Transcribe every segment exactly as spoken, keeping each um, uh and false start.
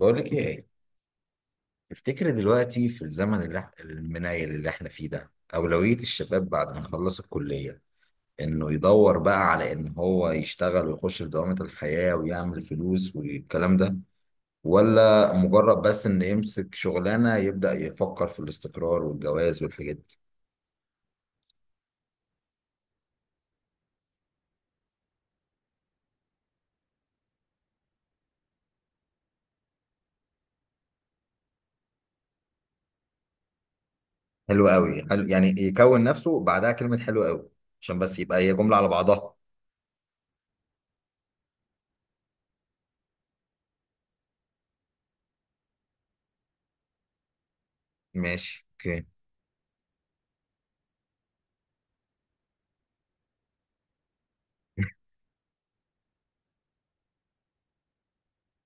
بقول لك ايه؟ تفتكر دلوقتي في الزمن اللي إح- المنايل اللي احنا فيه ده، اولوية الشباب بعد ما يخلص الكلية انه يدور بقى على ان هو يشتغل ويخش في دوامة الحياة ويعمل فلوس والكلام ده، ولا مجرد بس ان يمسك شغلانة يبدأ يفكر في الاستقرار والجواز والحاجات دي؟ حلو قوي، حلو، يعني يكون نفسه بعدها كلمة حلو قوي عشان بس يبقى هي جملة على بعضها. ماشي، اوكي.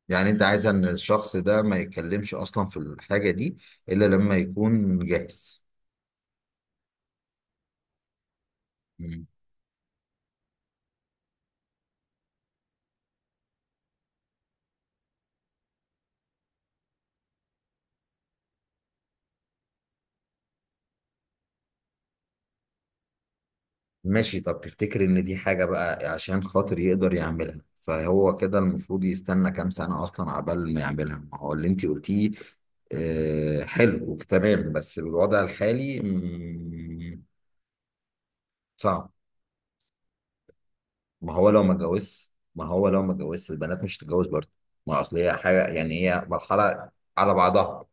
يعني انت عايز ان الشخص ده ما يتكلمش اصلا في الحاجة دي الا لما يكون جاهز. مم. ماشي، طب تفتكر ان دي حاجة بقى عشان خاطر يقدر يعملها فهو كده المفروض يستنى كام سنة اصلا عبال ما يعملها ما هو اللي انت قلتيه؟ آه، حلو تمام، بس بالوضع الحالي مم، صعب. ما هو لو ما اتجوزش ما هو لو ما اتجوزش البنات مش هتتجوز برضه. ما اصل هي حاجة، يعني هي مرحلة على بعضها.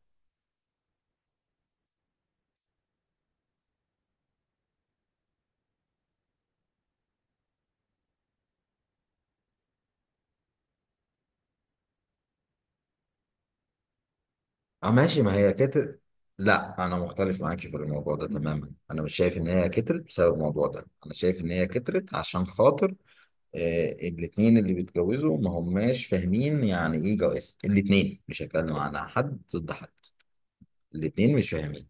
اه ماشي، ما هي كتر. لا، انا مختلف معاكي في الموضوع ده تماما، انا مش شايف ان هي كترت بسبب الموضوع ده، انا شايف ان هي كترت عشان خاطر. آه، الاتنين اللي بيتجوزوا ما هماش فاهمين يعني ايه جواز، الاتنين مش هتكلم عن حد ضد حد، الاتنين مش فاهمين.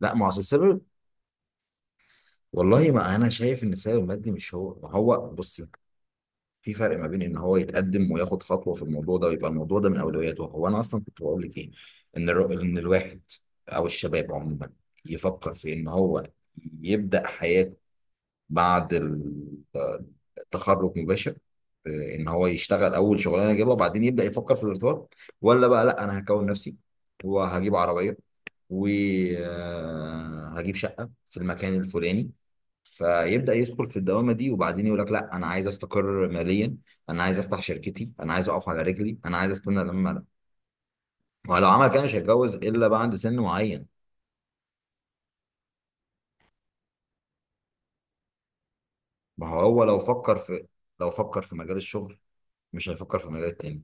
لا، ما هو أصل السبب. والله ما انا شايف ان السبب المادي مش هو، ما هو بص، في فرق ما بين ان هو يتقدم وياخد خطوه في الموضوع ده ويبقى الموضوع ده من اولوياته هو. انا اصلا كنت بقول لك ايه؟ ان الر- ان الواحد او الشباب عموما يفكر في ان هو يبدا حياته بعد ال- التخرج مباشر. آه، ان هو يشتغل اول شغلانه يجيبها وبعدين يبدا يفكر في الارتباط. ولا بقى، لا انا هكون نفسي وهجيب عربيه وهجيب شقه في المكان الفلاني، فيبدأ يدخل في الدوامة دي وبعدين يقول لك لا أنا عايز أستقر ماليا، أنا عايز أفتح شركتي، أنا عايز أقف على رجلي، أنا عايز أستنى لما أنا. ولو عمل كده مش هيتجوز إلا بعد سن معين. ما هو هو لو فكر في لو فكر في مجال الشغل، مش هيفكر في مجال تاني.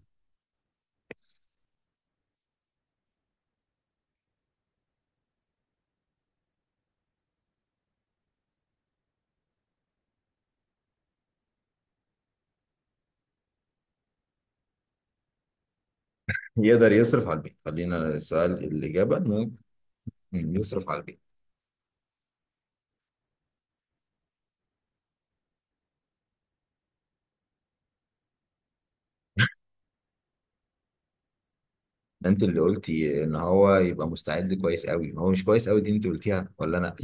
يقدر يصرف على البيت، خلينا السؤال، الإجابة إنه يصرف على البيت. أنت اللي قلتي إن هو يبقى مستعد كويس قوي، هو مش كويس قوي، دي أنت قلتيها ولا أنا؟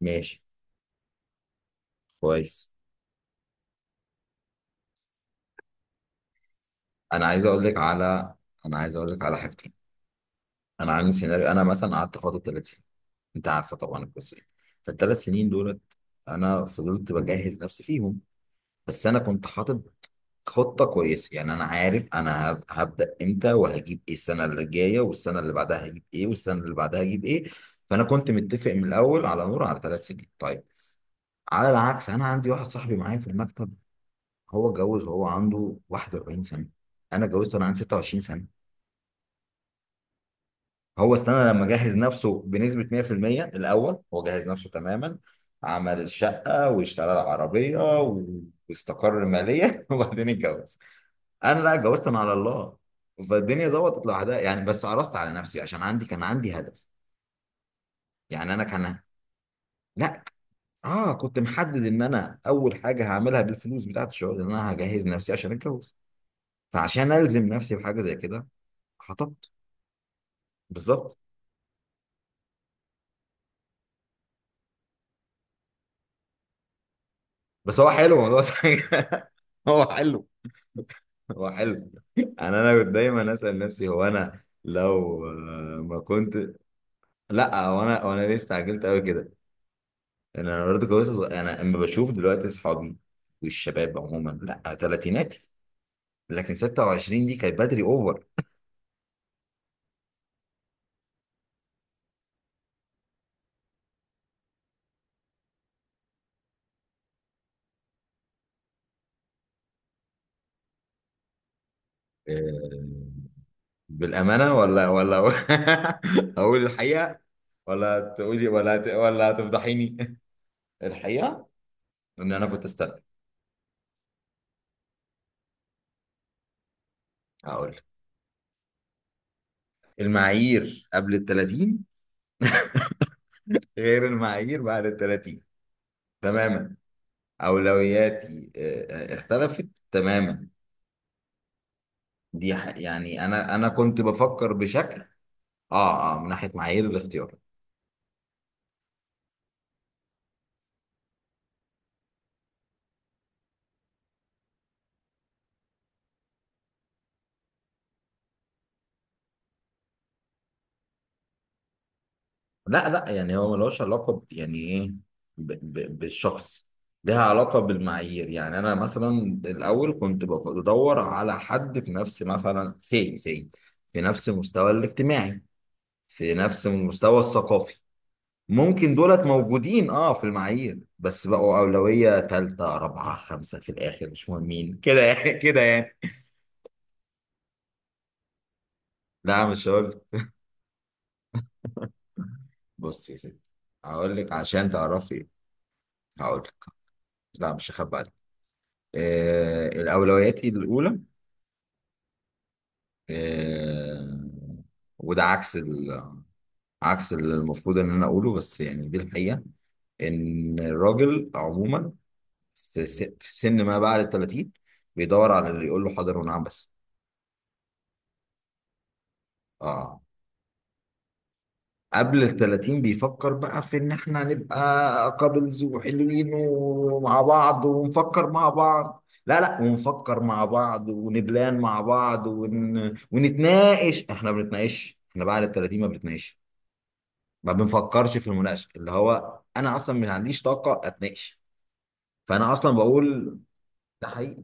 ماشي، كويس. أنا عايز أقول لك على أنا عايز أقول لك على حاجتين. انا عامل سيناريو، انا مثلا قعدت خاطب ثلاث سنين، انت عارفه طبعا القصه دي. فالثلاث سنين دولت انا فضلت بجهز نفسي فيهم، بس انا كنت حاطط خطه كويسه، يعني انا عارف انا هب- هبدا امتى وهجيب ايه السنه اللي جايه، والسنه اللي بعدها هجيب ايه، والسنه اللي بعدها هجيب ايه. فانا كنت متفق من الاول على نور على ثلاث سنين، طيب. على العكس، انا عندي واحد صاحبي معايا في المكتب، هو اتجوز وهو عنده واحد وأربعين سنه، انا اتجوزت وانا عندي ستة وعشرين سنه. هو استنى لما جهز نفسه بنسبة مية في المية. الأول هو جهز نفسه تماما، عمل الشقة واشترى العربية و- واستقر ماليا وبعدين اتجوز. أنا لا، اتجوزت أنا على الله. فالدنيا ظبطت لوحدها يعني، بس قرصت على نفسي عشان عندي كان عندي هدف. يعني أنا كان، لا، آه كنت محدد إن أنا أول حاجة هعملها بالفلوس بتاعت الشغل إن أنا هجهز نفسي عشان أتجوز. فعشان ألزم نفسي بحاجة زي كده، خطبت. بالظبط. بس هو حلو الموضوع. هو حلو. هو حلو. انا انا كنت دايما اسال نفسي هو انا لو آه، ما كنت. لا، هو انا هو انا ليه استعجلت قوي كده. انا أنا برضه كويس صغير، انا اما بشوف دلوقتي اصحابي والشباب عموما، لا ثلاثيناتي. لكن ستة وعشرين دي كانت بدري اوفر. آه، بالامانه ولا ولا اقول الحقيقه ولا تقولي ولا هت- ولا هتفضحيني؟ الحقيقه ان انا كنت استنى. اقول لك. المعايير قبل ال الثلاثين غير المعايير بعد ال الثلاثين تماما. أولوياتي آه، آه، اختلفت تماما. دي ح- يعني أنا أنا كنت بفكر بشكل. آه آه من ناحية معايير الاختيار. لا، لا، يعني هو ملوش علاقة ب- يعني إيه ب- ب- بالشخص، لها علاقة بالمعايير، يعني أنا مثلا الأول كنت بف- بدور على حد في نفس، مثلا سي سي في نفس المستوى الاجتماعي، في نفس المستوى الثقافي. ممكن دولت موجودين، اه، في المعايير، بس بقوا أولوية تالتة رابعة خمسة، في الآخر مش مهمين كده يعني كده يعني. لا، مش هقول لك. بص يا ستي، هقول لك عشان تعرفي، هقول لك. لا، مش هخبي عليك. آه، الأولويات الأولى. آه، وده عكس ال... عكس اللي المفروض إن أنا أقوله، بس يعني دي الحقيقة. ان الراجل عموما في س- في سن ما بعد ال الثلاثين بيدور على اللي يقول له حاضر ونعم بس. اه، قبل ال الثلاثين بيفكر بقى في ان احنا نبقى كابلز وحلوين ومع بعض ونفكر مع بعض، لا، لا، ونفكر مع بعض ونبلان مع بعض ون... ونتناقش. احنا ما بنتناقش، احنا بعد ال الثلاثين ما بنتناقش. ما بنفكرش في المناقشه، اللي هو انا اصلا ما عنديش طاقه اتناقش. فانا اصلا بقول ده حقيقي.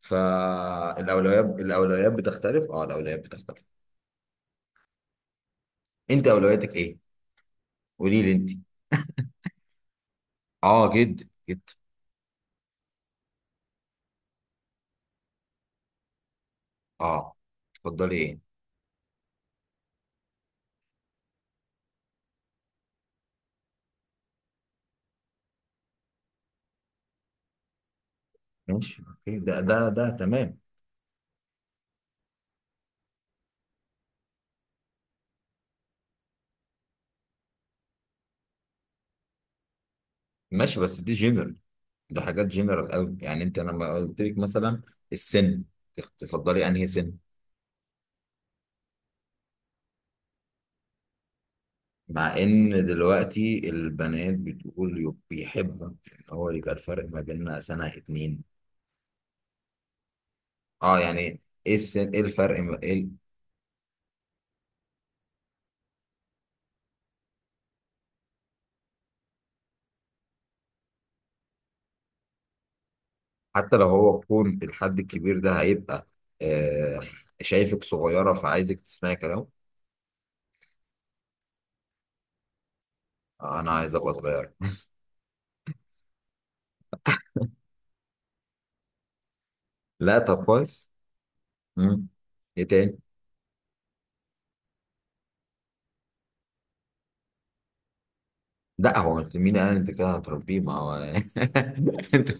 فالاولويات الاولويات بتختلف، اه الاولويات بتختلف. انت اولوياتك ايه؟ قولي لي انت، اه، جد جد، اه، اتفضلي ايه. ماشي اوكي، ده ده ده تمام. ماشي، بس دي جنرال، ده حاجات جنرال قوي، يعني انت لما قلت لك مثلا السن، تفضلي انهي سن؟ مع ان دلوقتي البنات بتقول يو- بيحبوا ان هو يبقى الفرق ما بيننا سنة اتنين. اه، يعني ايه السن؟ ايه الفرق؟ ما إيه ال- حتى لو هو يكون الحد الكبير ده هيبقى آه، شايفك صغيرة، فعايزك تسمعي كلامه. آه، انا عايز ابقى صغير. لا، طب كويس. مم. ايه تاني؟ لا، هو مش- مين قال انت كده هتربيه؟ ما هو انت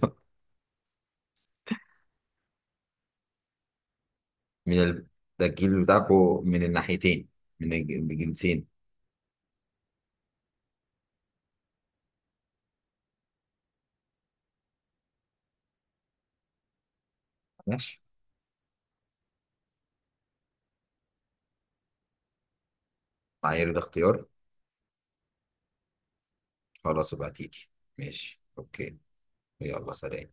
من ال... ده الجيل بتاعكو من الناحيتين، من الج- الجنسين. ماشي. معايير الاختيار. خلاص بقى، تيجي. ماشي اوكي. يلا، سلام.